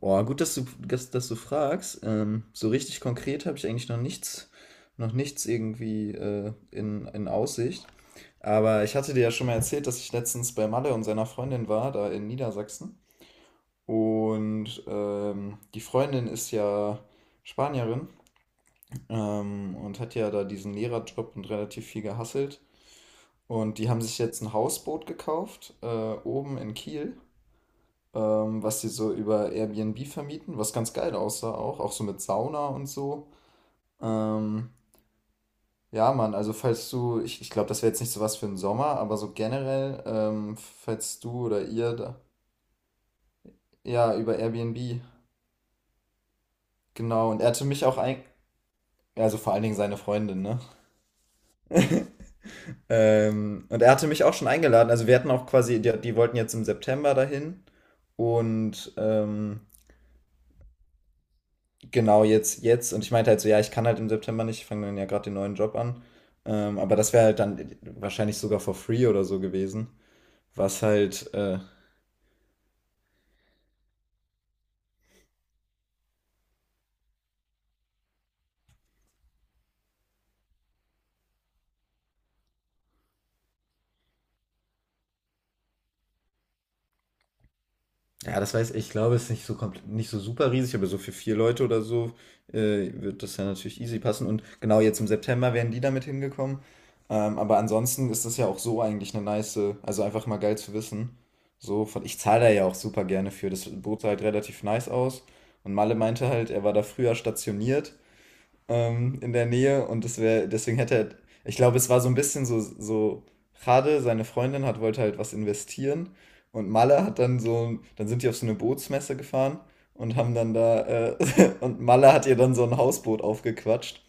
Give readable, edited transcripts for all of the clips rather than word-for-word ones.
Boah, gut, dass du fragst. So richtig konkret habe ich eigentlich noch nichts irgendwie in Aussicht. Aber ich hatte dir ja schon mal erzählt, dass ich letztens bei Malle und seiner Freundin war, da in Niedersachsen. Und die Freundin ist ja Spanierin, und hat ja da diesen Lehrerjob und relativ viel gehasselt. Und die haben sich jetzt ein Hausboot gekauft, oben in Kiel, was sie so über Airbnb vermieten, was ganz geil aussah auch, auch so mit Sauna und so. Ähm, ja, Mann, also falls du, ich glaube, das wäre jetzt nicht so was für den Sommer, aber so generell, falls du oder ihr da, ja, über Airbnb, genau. Und er hatte mich auch ein, also vor allen Dingen seine Freundin, ne? Und er hatte mich auch schon eingeladen, also wir hatten auch quasi, die wollten jetzt im September dahin und genau, jetzt. Und ich meinte halt so, ja, ich kann halt im September nicht, ich fange dann ja gerade den neuen Job an. Aber das wäre halt dann wahrscheinlich sogar for free oder so gewesen. Was halt, ja, das weiß ich, ich glaube, es ist nicht so komplett, nicht so super riesig, aber so für vier Leute oder so wird das ja natürlich easy passen. Und genau jetzt im September wären die damit hingekommen. Aber ansonsten ist das ja auch so eigentlich eine nice, also einfach mal geil zu wissen. So, von, ich zahle da ja auch super gerne für. Das bot halt relativ nice aus. Und Malle meinte halt, er war da früher stationiert, in der Nähe und das wäre, deswegen hätte er, ich glaube, es war so ein bisschen so. Jade, seine Freundin, hat, wollte halt was investieren und Malle hat dann so, dann sind die auf so eine Bootsmesse gefahren und haben dann da, und Malle hat ihr dann so ein Hausboot aufgequatscht.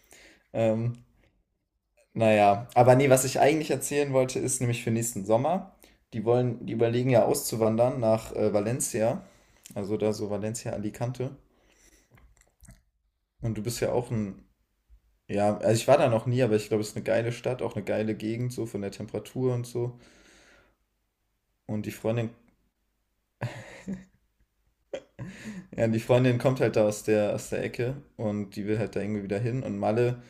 Ähm, naja, aber nee, was ich eigentlich erzählen wollte, ist nämlich für nächsten Sommer. Die wollen, die überlegen ja auszuwandern nach Valencia, also da so Valencia Alicante. Und du bist ja auch ein ja, also ich war da noch nie, aber ich glaube, es ist eine geile Stadt, auch eine geile Gegend, so von der Temperatur und so. Und die Freundin, ja, die Freundin kommt halt da aus der Ecke und die will halt da irgendwie wieder hin. Und Malle,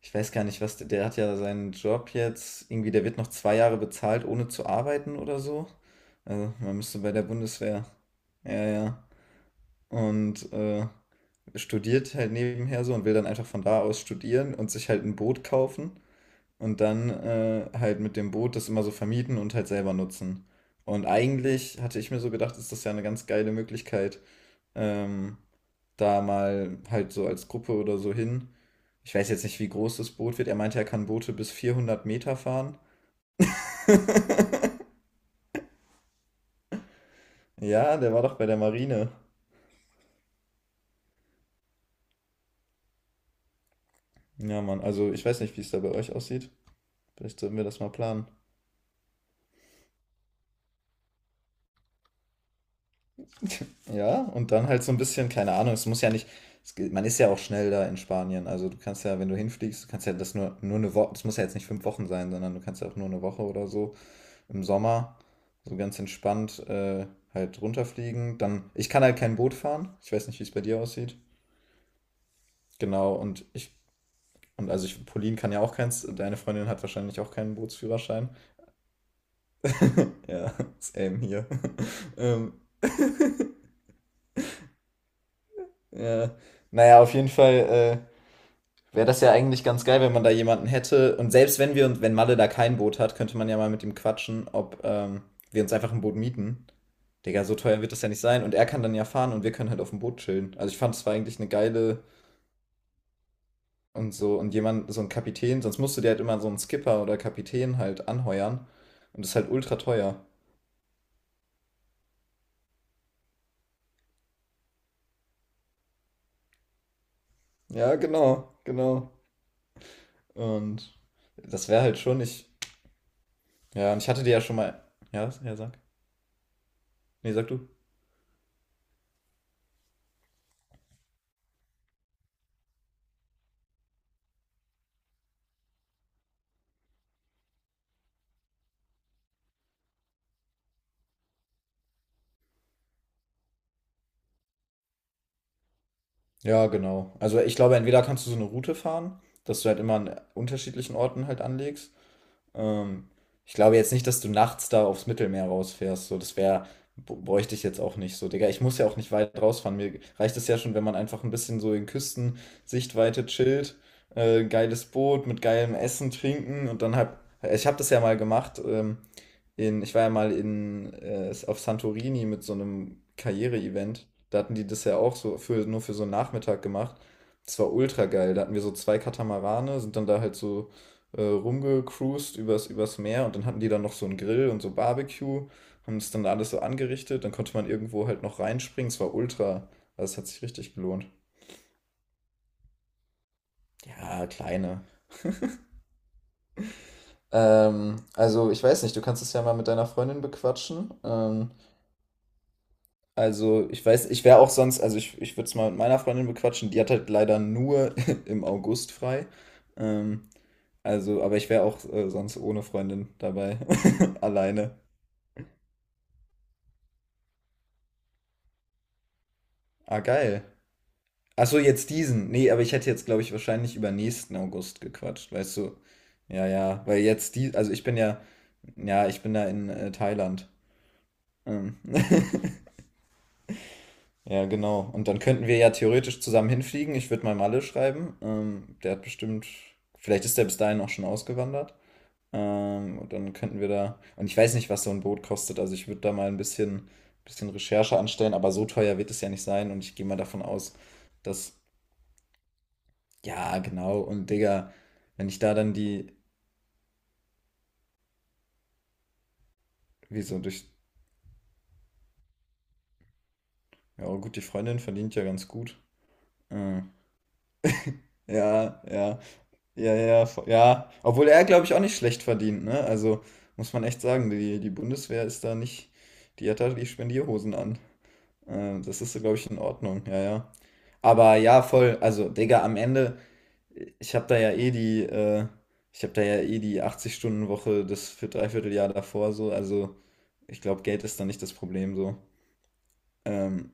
ich weiß gar nicht, was, der hat ja seinen Job jetzt, irgendwie, der wird noch 2 Jahre bezahlt, ohne zu arbeiten oder so. Also man müsste bei der Bundeswehr. Ja, ja. Und studiert halt nebenher so und will dann einfach von da aus studieren und sich halt ein Boot kaufen. Und dann halt mit dem Boot das immer so vermieten und halt selber nutzen. Und eigentlich hatte ich mir so gedacht, ist das ja eine ganz geile Möglichkeit, ähm, da mal halt so als Gruppe oder so hin. Ich weiß jetzt nicht, wie groß das Boot wird. Er meinte, er kann Boote bis 400 Meter fahren. Ja, der war doch bei der Marine. Ja, Mann, also ich weiß nicht, wie es da bei euch aussieht. Vielleicht sollten wir das mal planen. Ja, und dann halt so ein bisschen, keine Ahnung, es muss ja nicht, es, man ist ja auch schnell da in Spanien. Also du kannst ja, wenn du hinfliegst, du kannst ja das nur eine Woche, das muss ja jetzt nicht 5 Wochen sein, sondern du kannst ja auch nur eine Woche oder so im Sommer so ganz entspannt halt runterfliegen. Dann, ich kann halt kein Boot fahren. Ich weiß nicht, wie es bei dir aussieht. Genau, und ich, und also ich, Pauline kann ja auch keins, deine Freundin hat wahrscheinlich auch keinen Bootsführerschein. Ja, same hier. ähm, ja. Naja, auf jeden Fall, wäre das ja eigentlich ganz geil, wenn man da jemanden hätte. Und selbst wenn wir und wenn Malle da kein Boot hat, könnte man ja mal mit ihm quatschen, ob wir uns einfach ein Boot mieten. Digga, so teuer wird das ja nicht sein. Und er kann dann ja fahren und wir können halt auf dem Boot chillen. Also ich fand, es war eigentlich eine geile und so. Und jemand, so ein Kapitän, sonst musst du dir halt immer so einen Skipper oder Kapitän halt anheuern. Und das ist halt ultra teuer. Ja, genau, genau. Und das wäre halt schon, ich, ja, und ich hatte dir ja schon mal, ja, ja, sag. Nee, sag du. Ja, genau. Also ich glaube, entweder kannst du so eine Route fahren, dass du halt immer an unterschiedlichen Orten halt anlegst. Ähm, Ich glaube jetzt nicht, dass du nachts da aufs Mittelmeer rausfährst. So, das wäre, bräuchte ich jetzt auch nicht so. Digga, ich muss ja auch nicht weit rausfahren. Mir reicht es ja schon, wenn man einfach ein bisschen so in Küstensichtweite chillt, geiles Boot mit geilem Essen, Trinken und dann halt, ich habe das ja mal gemacht, in, ich war ja mal in, auf Santorini mit so einem Karriere-Event. Da hatten die das ja auch so für, nur für so einen Nachmittag gemacht. Das war ultra geil. Da hatten wir so zwei Katamarane, sind dann da halt so rumgecruised übers Meer und dann hatten die dann noch so einen Grill und so Barbecue, haben das dann alles so angerichtet. Dann konnte man irgendwo halt noch reinspringen. Es war ultra, also es hat sich richtig gelohnt. Ja, kleine. Also ich weiß nicht, du kannst es ja mal mit deiner Freundin bequatschen. Also, ich weiß, ich wäre auch sonst, also ich würde es mal mit meiner Freundin bequatschen, die hat halt leider nur im August frei. Ähm, also, aber ich wäre auch sonst ohne Freundin dabei, alleine. Ah, geil. Ach so, jetzt diesen. Nee, aber ich hätte jetzt, glaube ich, wahrscheinlich über nächsten August gequatscht, weißt du? Ja, ja, weil jetzt die, also ich bin ja, ja, ich bin da in Thailand. Ähm. Ja, genau. Und dann könnten wir ja theoretisch zusammen hinfliegen. Ich würde mal Malle schreiben. Der hat bestimmt, vielleicht ist der bis dahin auch schon ausgewandert. Und dann könnten wir da, und ich weiß nicht, was so ein Boot kostet. Also ich würde da mal ein bisschen Recherche anstellen, aber so teuer wird es ja nicht sein. Und ich gehe mal davon aus, dass, ja, genau. Und Digga, wenn ich da dann die, wieso durch, ja gut, die Freundin verdient ja ganz gut. Äh, ja, ja. Ja, ja, ja, ja. Obwohl er, glaube ich, auch nicht schlecht verdient, ne? Also muss man echt sagen, die, die Bundeswehr ist da nicht, die hat da die Spendierhosen an. Das ist, glaube ich, in Ordnung, ja, ja. Aber ja, voll, also, Digga, am Ende, ich habe da ja eh die, ich habe da ja eh die 80-Stunden-Woche das für Dreivierteljahr davor so, also ich glaube, Geld ist da nicht das Problem so. Ähm,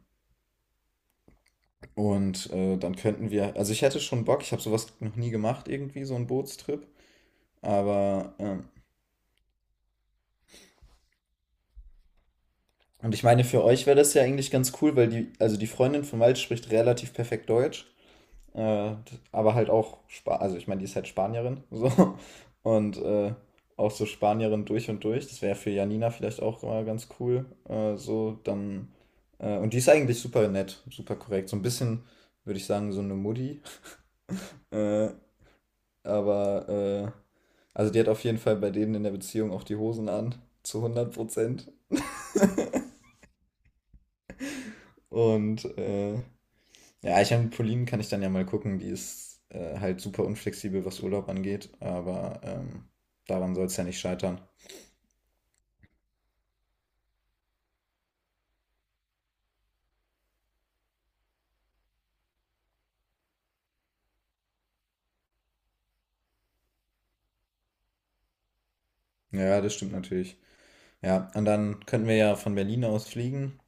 und dann könnten wir, also ich hätte schon Bock, ich habe sowas noch nie gemacht, irgendwie, so einen Bootstrip. Aber und ich meine, für euch wäre das ja eigentlich ganz cool, weil die, also die Freundin von Malte spricht relativ perfekt Deutsch, äh, aber halt auch, Spa also ich meine, die ist halt Spanierin, so, und auch so Spanierin durch und durch. Das wäre für Janina vielleicht auch mal ganz cool, so, dann, und die ist eigentlich super nett, super korrekt, so ein bisschen, würde ich sagen, so eine Mutti, äh, aber, also die hat auf jeden Fall bei denen in der Beziehung auch die Hosen an, zu 100%. Und ja, ich habe Pauline, kann ich dann ja mal gucken, die ist halt super unflexibel, was Urlaub angeht, aber daran soll es ja nicht scheitern. Ja, ja, das stimmt natürlich. Ja, und dann könnten wir ja von Berlin aus fliegen,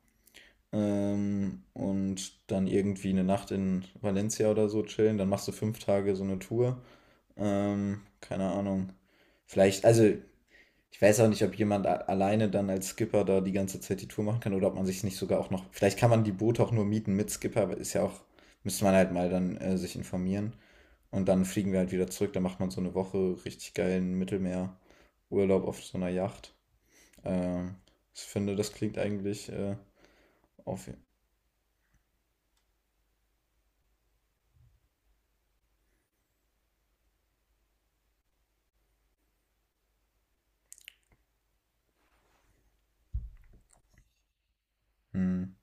und dann irgendwie eine Nacht in Valencia oder so chillen. Dann machst du 5 Tage so eine Tour. Keine Ahnung. Vielleicht, also ich weiß auch nicht, ob jemand alleine dann als Skipper da die ganze Zeit die Tour machen kann oder ob man sich nicht sogar auch noch. Vielleicht kann man die Boote auch nur mieten mit Skipper, aber ist ja auch, müsste man halt mal dann sich informieren. Und dann fliegen wir halt wieder zurück. Dann macht man so eine Woche richtig geilen Mittelmeerurlaub auf so einer Yacht. Ähm, Ich finde, das klingt eigentlich auf. Hm.